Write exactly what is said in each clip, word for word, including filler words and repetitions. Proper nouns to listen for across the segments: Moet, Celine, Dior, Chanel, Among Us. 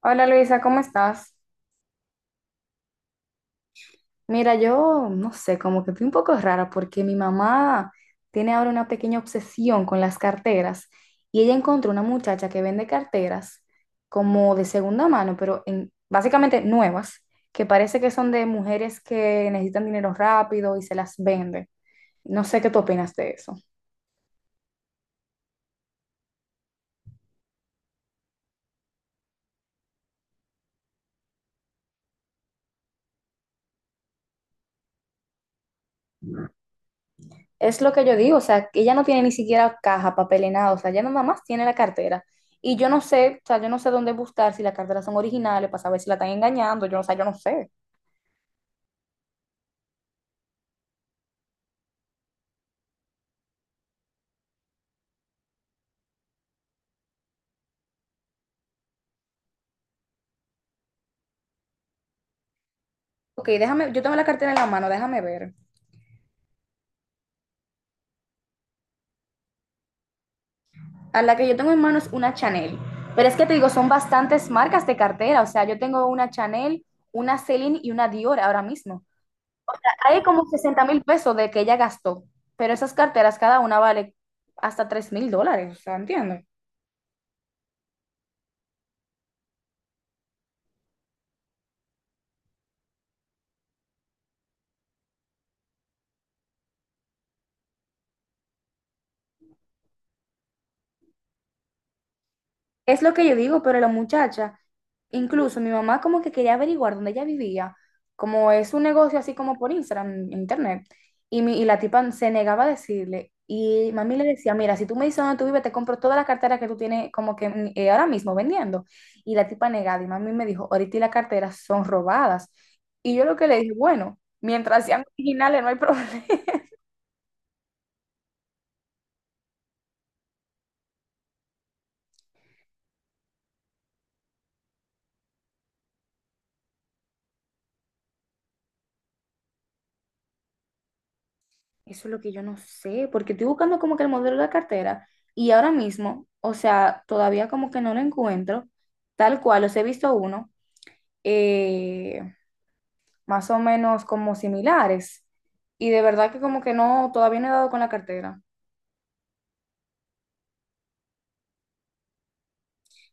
Hola Luisa, ¿cómo estás? Mira, yo no sé, como que estoy un poco rara porque mi mamá tiene ahora una pequeña obsesión con las carteras y ella encontró una muchacha que vende carteras como de segunda mano, pero en, básicamente nuevas, que parece que son de mujeres que necesitan dinero rápido y se las vende. No sé qué tú opinas de eso. Es lo que yo digo, o sea, que ella no tiene ni siquiera caja, papel ni nada, o sea, ella nada más tiene la cartera. Y yo no sé, o sea, yo no sé dónde buscar si las carteras son originales para saber si la están engañando, yo no, o sea, yo no sé. Ok, déjame, yo tengo la cartera en la mano, déjame ver. A la que yo tengo en mano es una Chanel, pero es que te digo, son bastantes marcas de cartera, o sea, yo tengo una Chanel, una Celine y una Dior ahora mismo. Hay como sesenta mil pesos de que ella gastó, pero esas carteras cada una vale hasta tres mil dólares, o sea, entiendo. Es lo que yo digo, pero la muchacha, incluso mi mamá como que quería averiguar dónde ella vivía, como es un negocio así como por Instagram, en internet, y, mi, y la tipa se negaba a decirle, y mami le decía, mira, si tú me dices dónde tú vives, te compro toda la cartera que tú tienes como que mm, eh, ahora mismo vendiendo. Y la tipa negada, y mami me dijo, ahorita y la cartera son robadas. Y yo lo que le dije, bueno, mientras sean originales no hay problema. Eso es lo que yo no sé, porque estoy buscando como que el modelo de la cartera y ahora mismo, o sea, todavía como que no lo encuentro, tal cual, los he visto uno, eh, más o menos como similares, y de verdad que como que no, todavía no he dado con la cartera.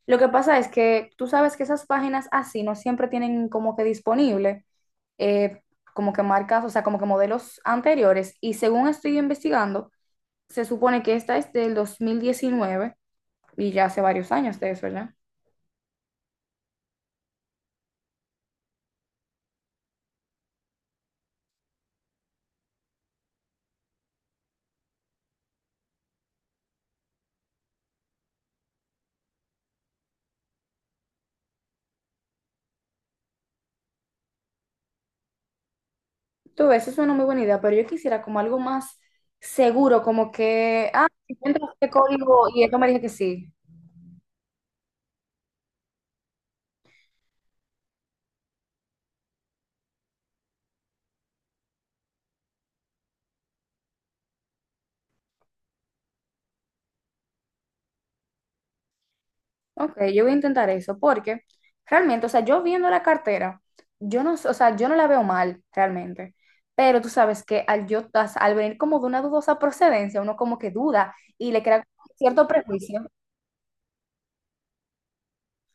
Lo que pasa es que tú sabes que esas páginas así no siempre tienen como que disponible, eh, como que marcas, o sea, como que modelos anteriores, y según estoy investigando, se supone que esta es del dos mil diecinueve y ya hace varios años de eso, ¿verdad? Tú ves, eso es una muy buena idea, pero yo quisiera como algo más seguro, como que, ah, si encuentro este código y esto me dije que sí. Ok, yo voy a intentar eso, porque realmente, o sea, yo viendo la cartera, yo no, o sea, yo no la veo mal realmente, pero tú sabes que al yo, as- al venir como de una dudosa procedencia, uno como que duda y le crea cierto prejuicio.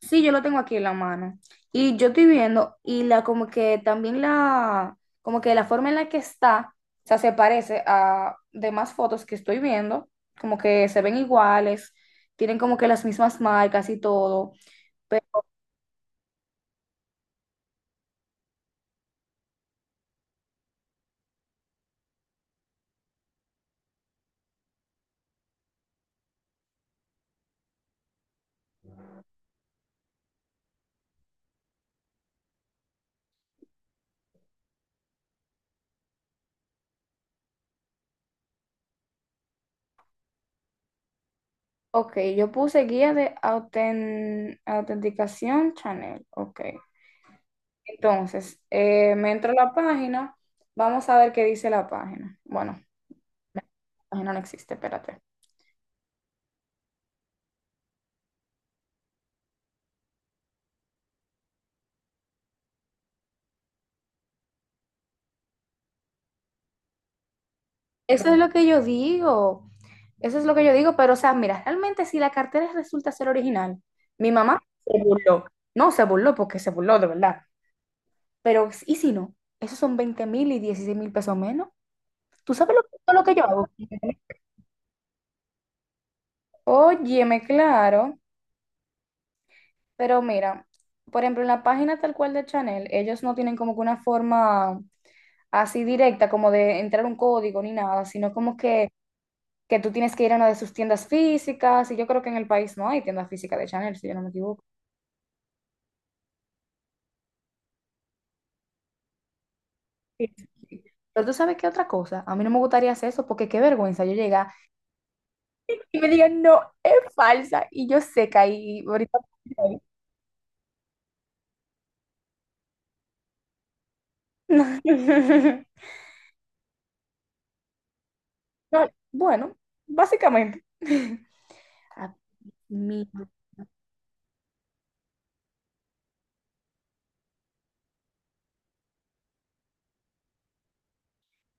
Sí, yo lo tengo aquí en la mano. Y yo estoy viendo, y la como que también la, como que la forma en la que está, o sea, se parece a demás fotos que estoy viendo, como que se ven iguales, tienen como que las mismas marcas y todo. Pero, ok, yo puse guía de auten- autenticación Chanel, ok. Entonces, eh, me entro a la página, vamos a ver qué dice la página. Bueno, la página no existe, espérate. Eso es lo que yo digo. Eso es lo que yo digo, pero o sea, mira, realmente si la cartera resulta ser original, mi mamá se burló. No se burló porque se burló de verdad, pero ¿y si no? Esos son veinte mil y dieciséis mil pesos menos. ¿Tú sabes lo, todo lo que yo hago? Óyeme, claro, pero mira, por ejemplo, en la página tal cual de Chanel, ellos no tienen como que una forma así directa, como de entrar un código ni nada, sino como que, que tú tienes que ir a una de sus tiendas físicas, y yo creo que en el país no hay tiendas físicas de Chanel, si yo no me equivoco. Sí, sí, sí. Pero tú sabes qué otra cosa, a mí no me gustaría hacer eso porque qué vergüenza yo llegar y me digan, no, es falsa y yo seca y ahorita... No, bueno, básicamente. Ah, mi-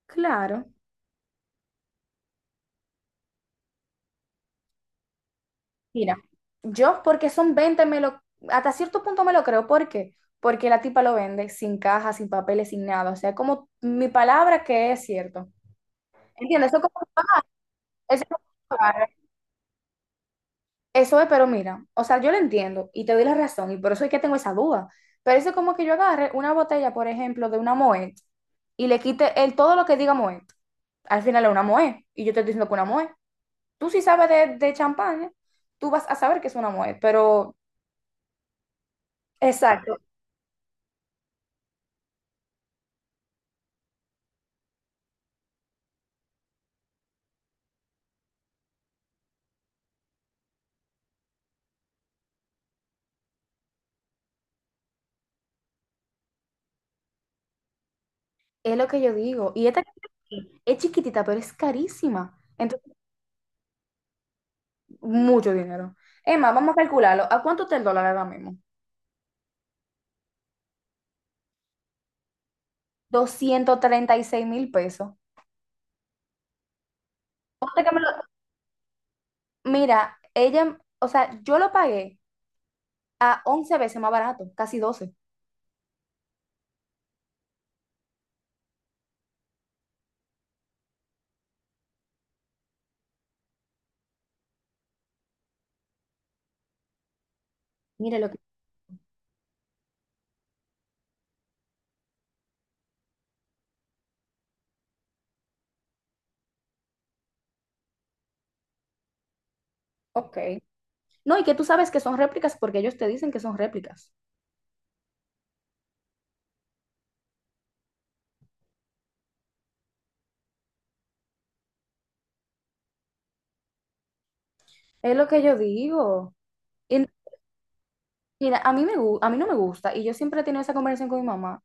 claro. Mira, yo porque son veinte me lo, hasta cierto punto me lo creo, ¿por qué? Porque la tipa lo vende sin caja, sin papeles, sin nada, o sea, como mi palabra que es cierto. ¿Entiendes? Eso como, eso Eso es, pero mira, o sea, yo lo entiendo y te doy la razón y por eso es que tengo esa duda. Pero eso es como que yo agarre una botella, por ejemplo, de una Moet y le quite el, todo lo que diga Moet. Al final es una Moet y yo te estoy diciendo que una Moet. Tú si sabes de, de champán, tú vas a saber que es una Moet, pero exacto, es lo que yo digo. Y esta es chiquitita, pero es carísima. Entonces, mucho dinero. Es más, vamos a calcularlo. ¿A cuánto está el dólar ahora mismo? Doscientos treinta y seis mil pesos. Ponte que me lo- Mira, ella, o sea, yo lo pagué a once veces más barato, casi doce. Mire lo que... Ok, no, y que tú sabes que son réplicas porque ellos te dicen que son réplicas. Es lo que yo digo. Y mira, a mí me, gu- a mí no me gusta y yo siempre he tenido esa conversación con mi mamá.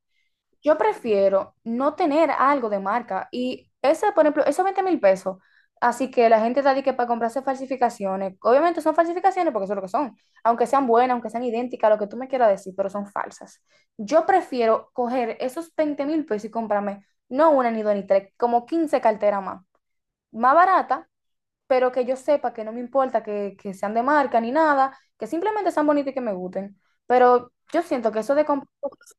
Yo prefiero no tener algo de marca y ese, por ejemplo, esos veinte mil pesos, así que la gente está de que para comprarse falsificaciones, obviamente son falsificaciones porque eso es lo que son, aunque sean buenas, aunque sean idénticas, lo que tú me quieras decir, pero son falsas. Yo prefiero coger esos veinte mil pesos y comprarme no una ni dos ni tres, como quince carteras más, más barata, pero que yo sepa que no me importa que, que sean de marca ni nada, que simplemente sean bonitas y que me gusten. Pero yo siento que eso de comprar cosas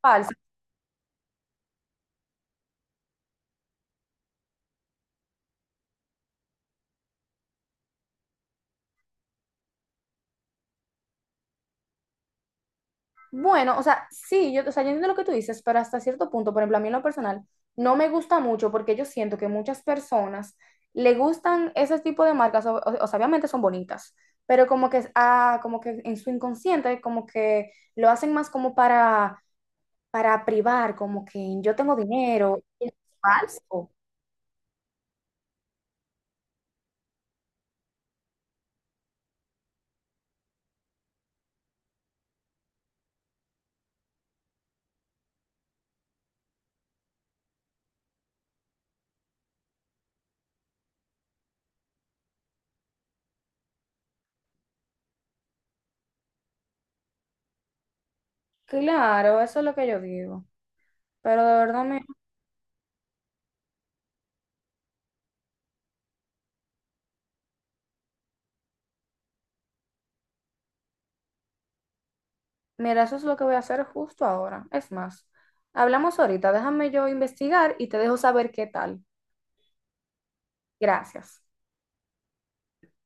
Bueno, o sea, sí, yo, o sea, yo entiendo lo que tú dices, pero hasta cierto punto, por ejemplo, a mí en lo personal, no me gusta mucho porque yo siento que muchas personas le gustan ese tipo de marcas, o, o- o sea, obviamente son bonitas, pero como que, ah, como que en su inconsciente, como que lo hacen más como para, para privar, como que yo tengo dinero, y es falso. Claro, eso es lo que yo digo. Pero de verdad, me, mira, eso es lo que voy a hacer justo ahora. Es más, hablamos ahorita, déjame yo investigar y te dejo saber qué tal. Gracias.